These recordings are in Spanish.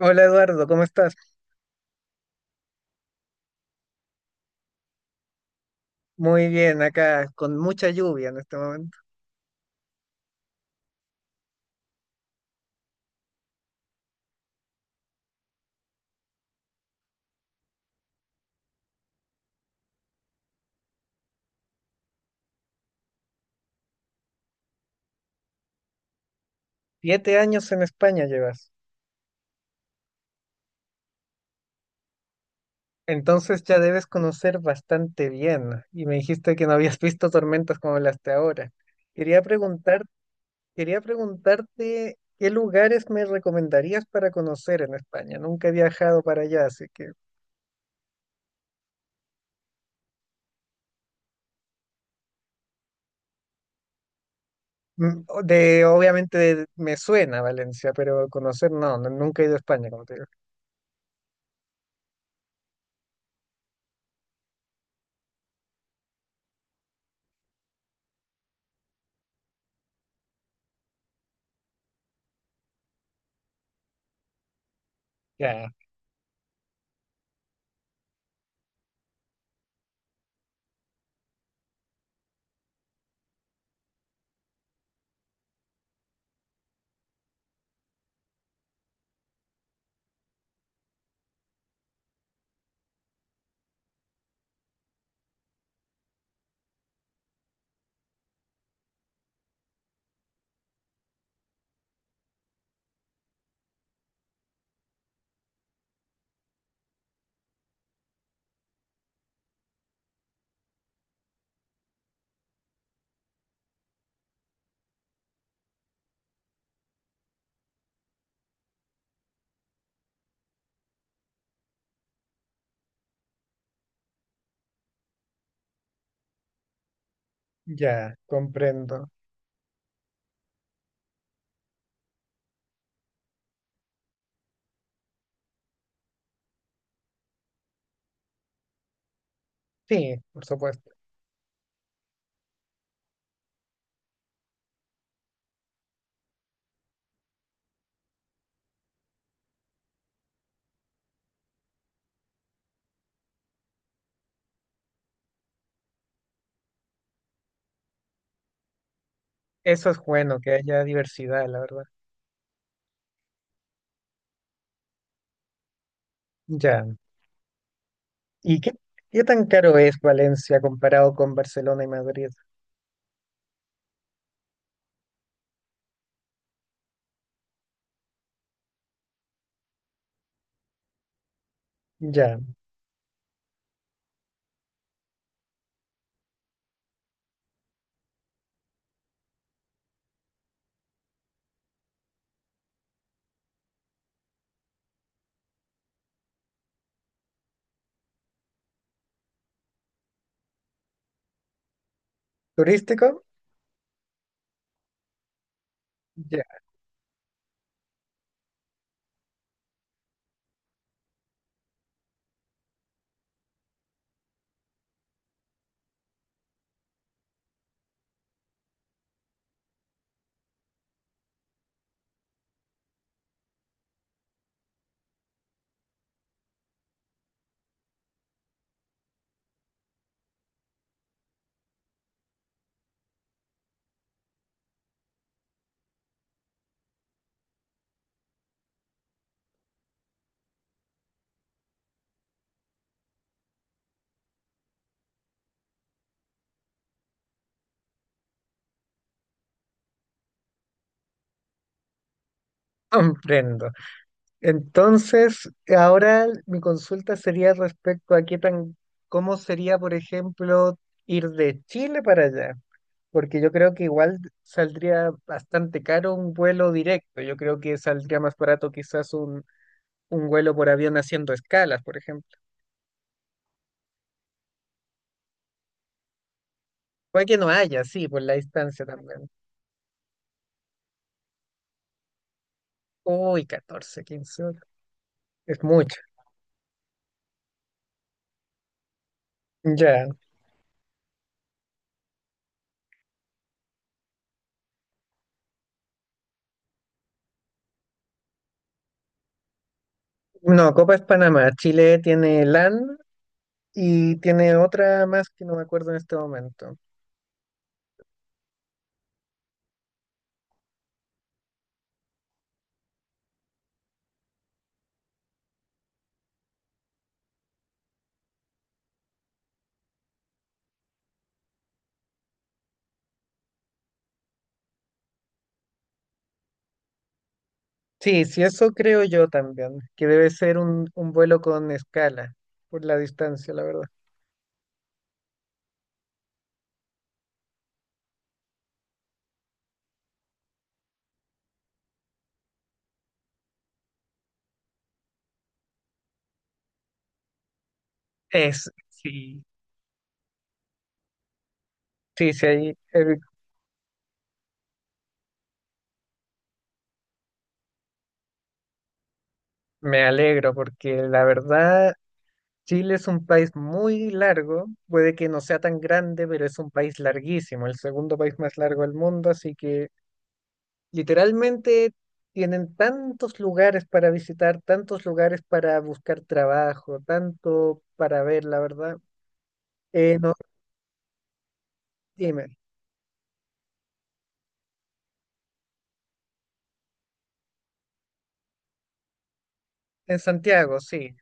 Hola Eduardo, ¿cómo estás? Muy bien, acá con mucha lluvia en este momento. 7 años en España llevas, entonces ya debes conocer bastante bien. Y me dijiste que no habías visto tormentas como las de ahora. Quería preguntar, quería preguntarte qué lugares me recomendarías para conocer en España. Nunca he viajado para allá, así que mm, o- de obviamente de- me suena Valencia, pero conocer no, no, nunca he ido a España, como te digo. Ya, ya, comprendo. Sí, por supuesto. Eso es bueno, que haya diversidad, la verdad. Ya. ¿Y qué tan caro es Valencia comparado con Barcelona y Madrid? Ya. ¿Turístico? Ya, comprendo. Entonces, ahora mi consulta sería respecto a cómo sería, por ejemplo, ir de Chile para allá, porque yo creo que igual saldría bastante caro un vuelo directo. Yo creo que saldría más barato quizás un vuelo por avión haciendo escalas, por ejemplo. Puede que no haya, sí, por la distancia también. Uy, 14 15 horas. Es mucho. Ya. No, Copa es Panamá. Chile tiene LAN y tiene otra más que no me acuerdo en este momento. Sí, sí, eso creo yo también, que debe ser un vuelo con escala, por la distancia, la verdad. Es, sí. Sí, sí, ahí me alegro porque la verdad Chile es un país muy largo, puede que no sea tan grande, pero es un país larguísimo, el segundo país más largo del mundo, así que literalmente tienen tantos lugares para visitar, tantos lugares para buscar trabajo, tanto para ver, la verdad. No, dime, en Santiago, sí.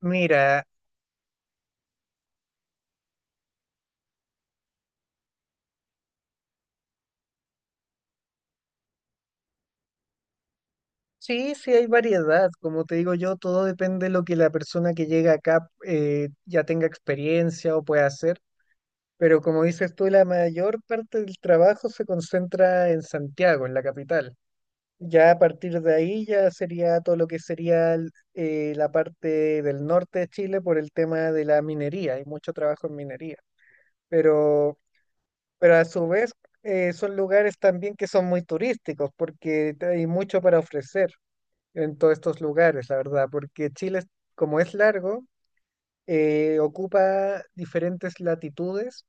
Mira, sí, sí hay variedad, como te digo yo, todo depende de lo que la persona que llega acá ya tenga experiencia o pueda hacer. Pero como dices tú, la mayor parte del trabajo se concentra en Santiago, en la capital. Ya a partir de ahí ya sería todo lo que sería el- la parte del norte de Chile por el tema de la minería. Hay mucho trabajo en minería. Pero, pero a su vez son lugares también que son muy turísticos porque te- hay mucho para ofrecer en todos estos lugares, la verdad. Porque Chile, es- como es largo, ocupa diferentes latitudes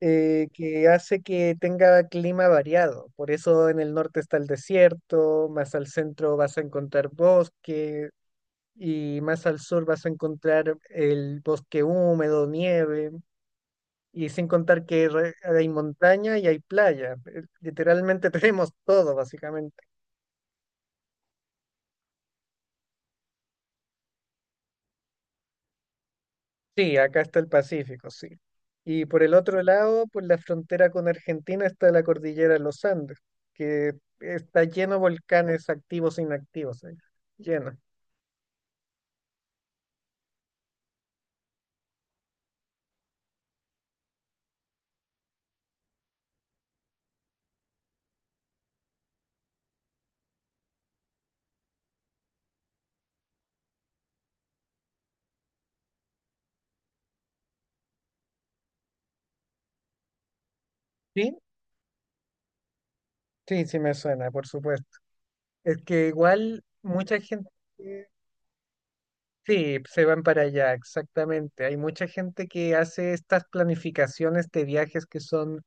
que hace que tenga clima variado. Por eso en el norte está el desierto, más al centro vas a encontrar bosque y más al sur vas a encontrar el bosque húmedo, nieve. Y sin contar que re- hay montaña y hay playa. Literalmente tenemos todo, básicamente. Sí, acá está el Pacífico, sí. Y por el otro lado, por la frontera con Argentina está la cordillera de los Andes, que está lleno de volcanes activos e inactivos. Ahí, lleno. Sí, sí, sí me suena, por supuesto. Es que igual mucha gente, sí, se van para allá, exactamente. Hay mucha gente que hace estas planificaciones de viajes que son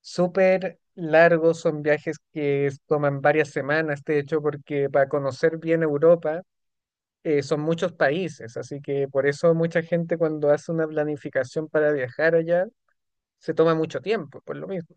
súper largos, son viajes que es- toman varias semanas, de hecho, porque para conocer bien Europa son muchos países, así que por eso mucha gente cuando hace una planificación para viajar allá se toma mucho tiempo, por lo mismo.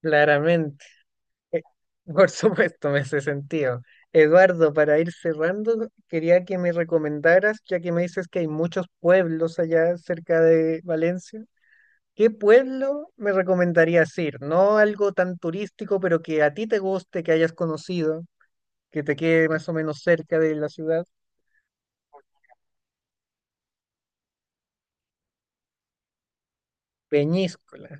Claramente. Eh, Por supuesto, me hace sentido. Eduardo, para ir cerrando, quería que me recomendaras, ya que me dices que hay muchos pueblos allá cerca de Valencia, ¿qué pueblo me recomendarías ir? No algo tan turístico, pero que a ti te guste, que hayas conocido, que te quede más o menos cerca de la ciudad. Peñíscola,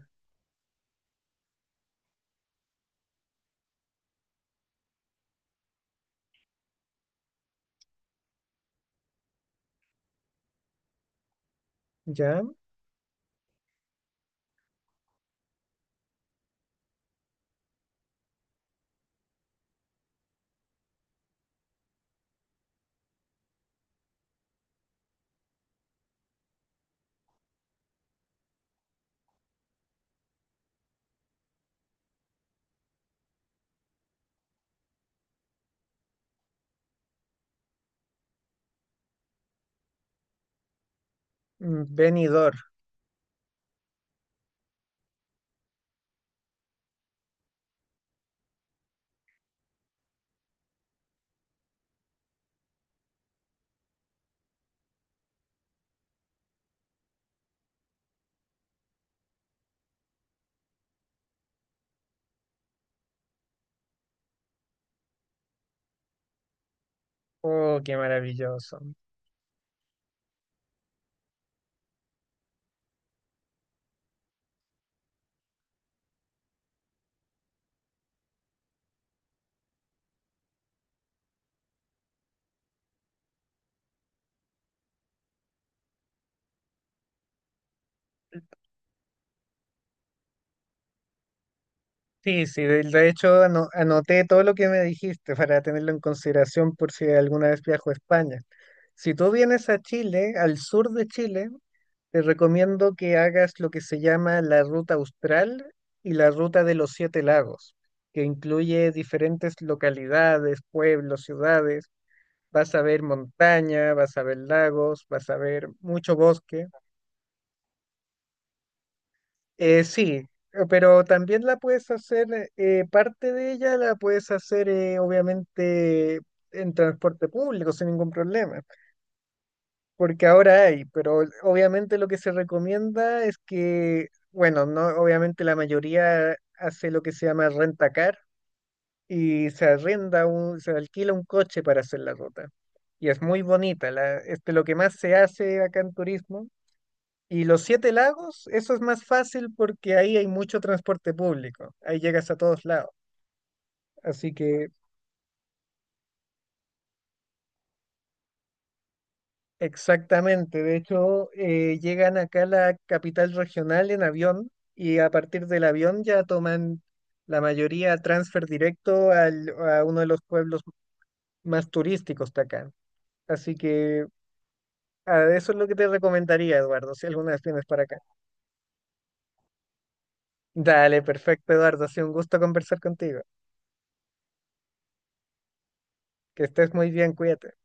¿ya? Mm, Benidorm. Oh, qué maravilloso. Sí, sí, de hecho ano- anoté todo lo que me dijiste para tenerlo en consideración por si alguna vez viajo a España. Si tú vienes a Chile, al sur de Chile, te recomiendo que hagas lo que se llama la ruta austral y la ruta de los 7 lagos, que incluye diferentes localidades, pueblos, ciudades. Vas a ver montaña, vas a ver lagos, vas a ver mucho bosque. Eh, sí, pero también la puedes hacer, parte de ella la puedes hacer obviamente en transporte público sin ningún problema, porque ahora hay, pero obviamente lo que se recomienda es que, bueno, no, obviamente la mayoría hace lo que se llama rentacar y se arrenda se alquila un coche para hacer la ruta. Y es muy bonita, la, este, lo que más se hace acá en turismo y los 7 Lagos, eso es más fácil porque ahí hay mucho transporte público, ahí llegas a todos lados. Así que exactamente, de hecho, llegan acá a la capital regional en avión y a partir del avión ya toman la mayoría transfer directo al- a uno de los pueblos más turísticos de acá. Así que ah, eso es lo que te recomendaría, Eduardo, si alguna vez vienes para acá. Dale, perfecto, Eduardo, ha sido un gusto conversar contigo. Que estés muy bien, cuídate.